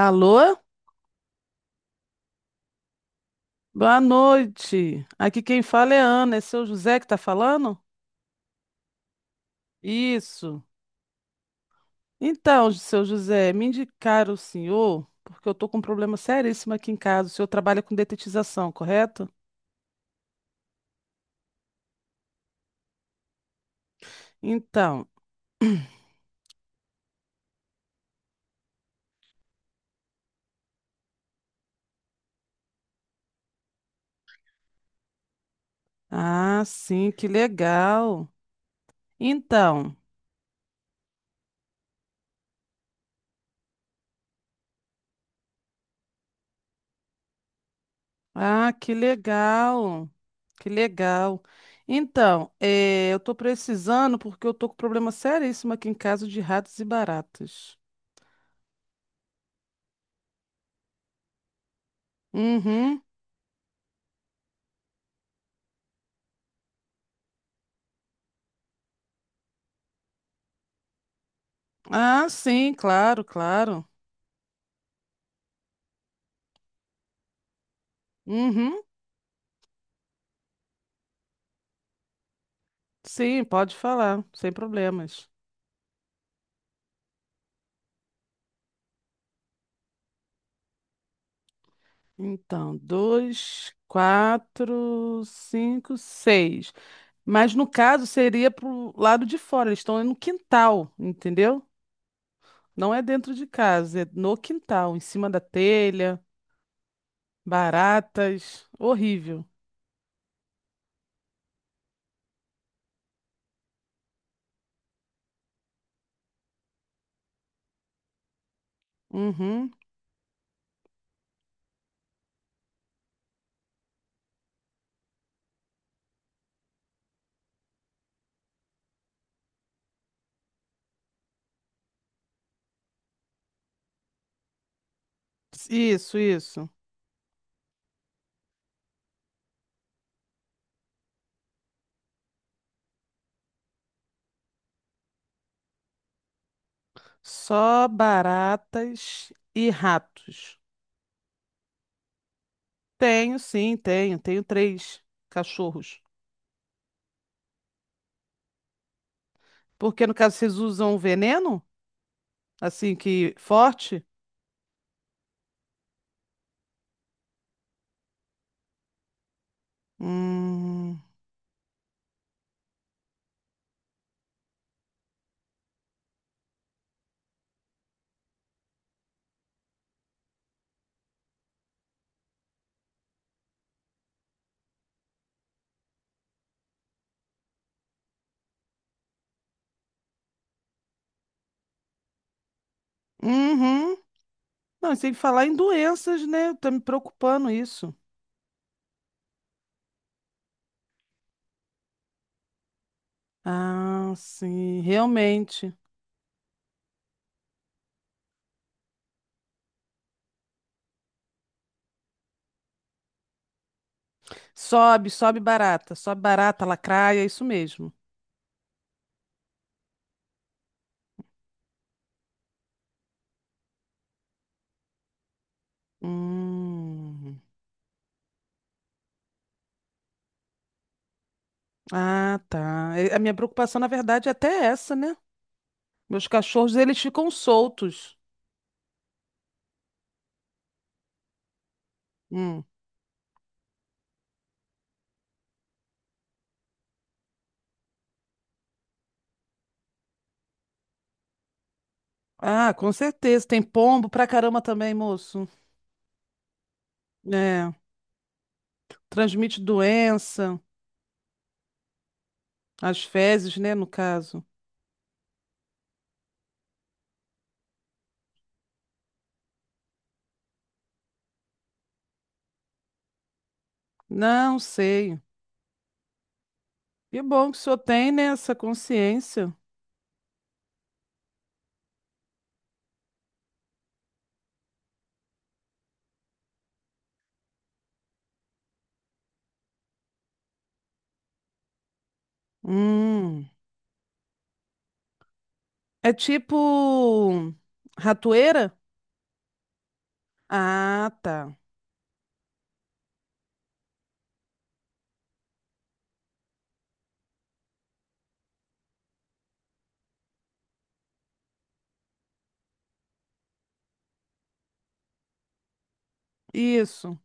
Alô? Boa noite. Aqui quem fala é Ana, é seu José que está falando? Isso. Então, seu José, me indicaram o senhor, porque eu estou com um problema seríssimo aqui em casa. O senhor trabalha com detetização, correto? Então, ah, sim, que legal. Então, ah, que legal. Que legal. Então, eu estou precisando porque eu estou com problema seríssimo aqui em casa de ratos e baratas. Uhum. Ah, sim, claro, claro. Uhum, sim, pode falar, sem problemas. Então, dois, quatro, cinco, seis. Mas no caso seria pro lado de fora, eles estão no quintal, entendeu? Não é dentro de casa, é no quintal, em cima da telha, baratas, horrível. Uhum. Isso, isso. Só baratas e ratos. Tenho, sim, tenho. Tenho três cachorros. Porque no caso vocês usam o veneno? Assim que forte? Hum. Uhum. Não, e sem falar em doenças, né? Tá me preocupando isso. Ah, sim, realmente. Sobe, sobe barata, lacraia, é isso mesmo. Hum. Ah, tá. É- A minha preocupação, na verdade, é até essa, né? Meus cachorros, eles ficam soltos. Hum. Ah, com certeza. Tem pombo pra caramba também, moço. É, transmite doença. As fezes, né, no caso. Não sei. Que bom que o senhor tem, né, essa consciência. Hum. É tipo ratoeira? Ah, tá. Isso.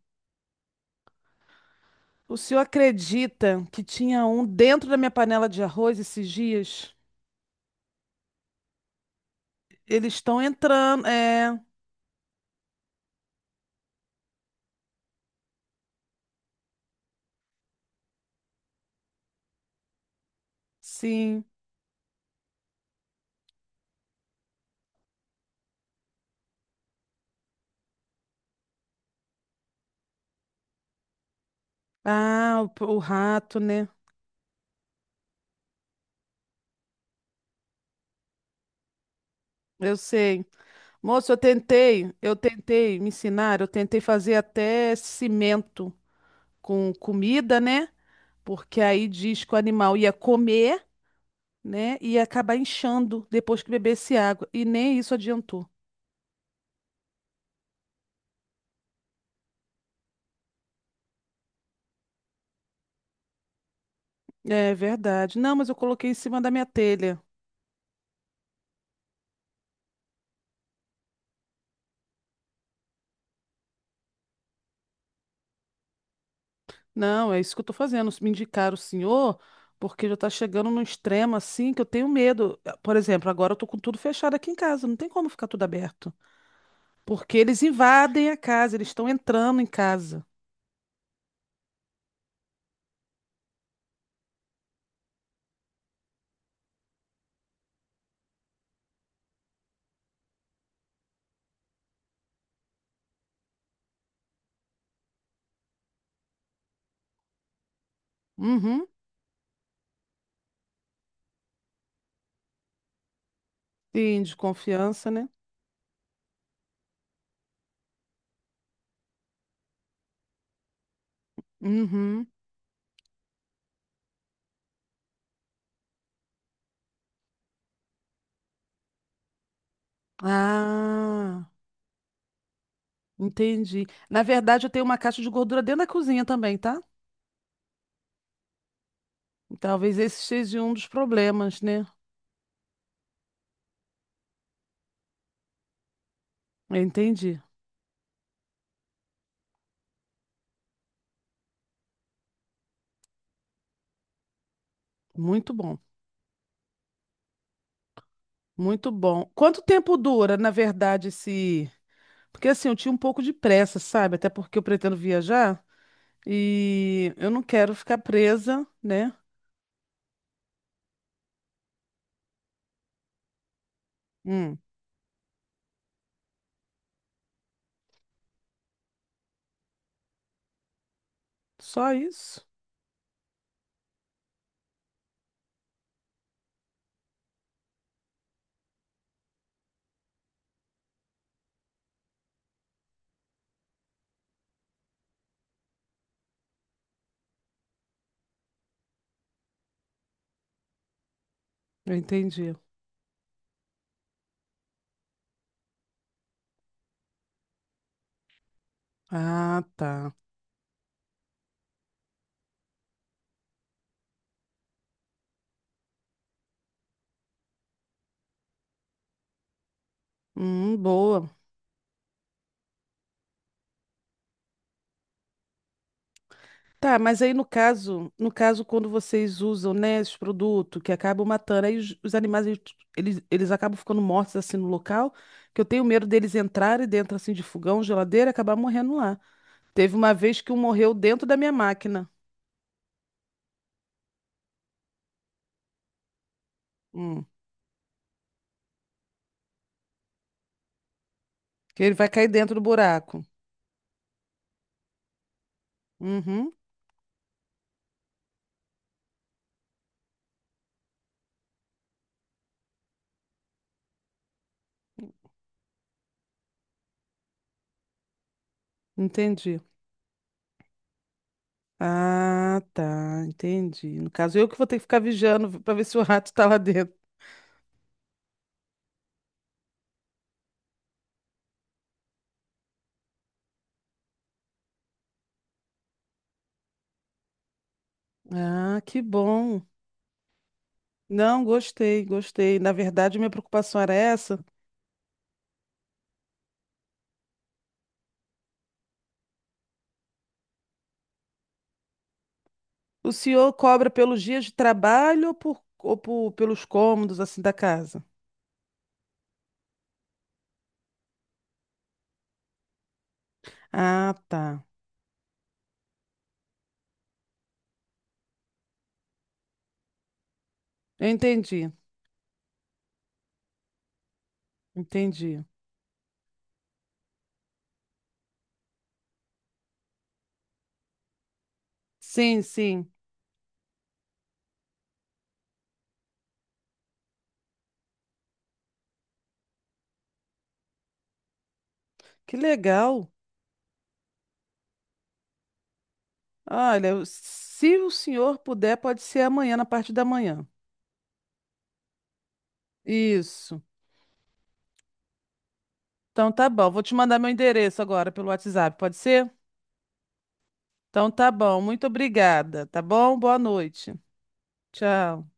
O senhor acredita que tinha um dentro da minha panela de arroz esses dias? Eles estão entrando. É, sim. Ah, o rato, né? Eu sei. Moço, eu tentei me ensinar, eu tentei fazer até cimento com comida, né? Porque aí diz que o animal ia comer, né? E ia acabar inchando depois que bebesse água. E nem isso adiantou. É verdade. Não, mas eu coloquei em cima da minha telha. Não, é isso que eu tô fazendo. Me indicaram o senhor, porque já tá chegando num extremo assim que eu tenho medo. Por exemplo, agora eu tô com tudo fechado aqui em casa. Não tem como ficar tudo aberto. Porque eles invadem a casa, eles estão entrando em casa. Uhum. Sim, de confiança, né? Uhum. Ah. Entendi. Na verdade, eu tenho uma caixa de gordura dentro da cozinha também, tá? Talvez esse seja um dos problemas, né? Eu entendi. Muito bom. Muito bom. Quanto tempo dura, na verdade, esse. Porque assim, eu tinha um pouco de pressa, sabe? Até porque eu pretendo viajar e eu não quero ficar presa, né? Hum, só isso. Eu entendi. Ah, tá. Boa. Tá, mas aí no caso, no caso quando vocês usam, né, esse produto que acabam matando, aí os animais eles, eles acabam ficando mortos assim no local, que eu tenho medo deles entrarem dentro assim de fogão, geladeira, e acabar morrendo lá. Teve uma vez que um morreu dentro da minha máquina. Hum, que ele vai cair dentro do buraco. Uhum, entendi. Ah, tá, entendi. No caso, eu que vou ter que ficar vigiando para ver se o rato tá lá dentro. Ah, que bom. Não, gostei, gostei. Na verdade, minha preocupação era essa. O senhor cobra pelos dias de trabalho ou, por, ou pelos cômodos assim da casa? Ah, tá. Eu entendi, entendi. Sim, sim. Que legal. Olha, se o senhor puder, pode ser amanhã, na parte da manhã. Isso. Então tá bom. Vou te mandar meu endereço agora pelo WhatsApp, pode ser? Então tá bom. Muito obrigada, tá bom? Boa noite. Tchau.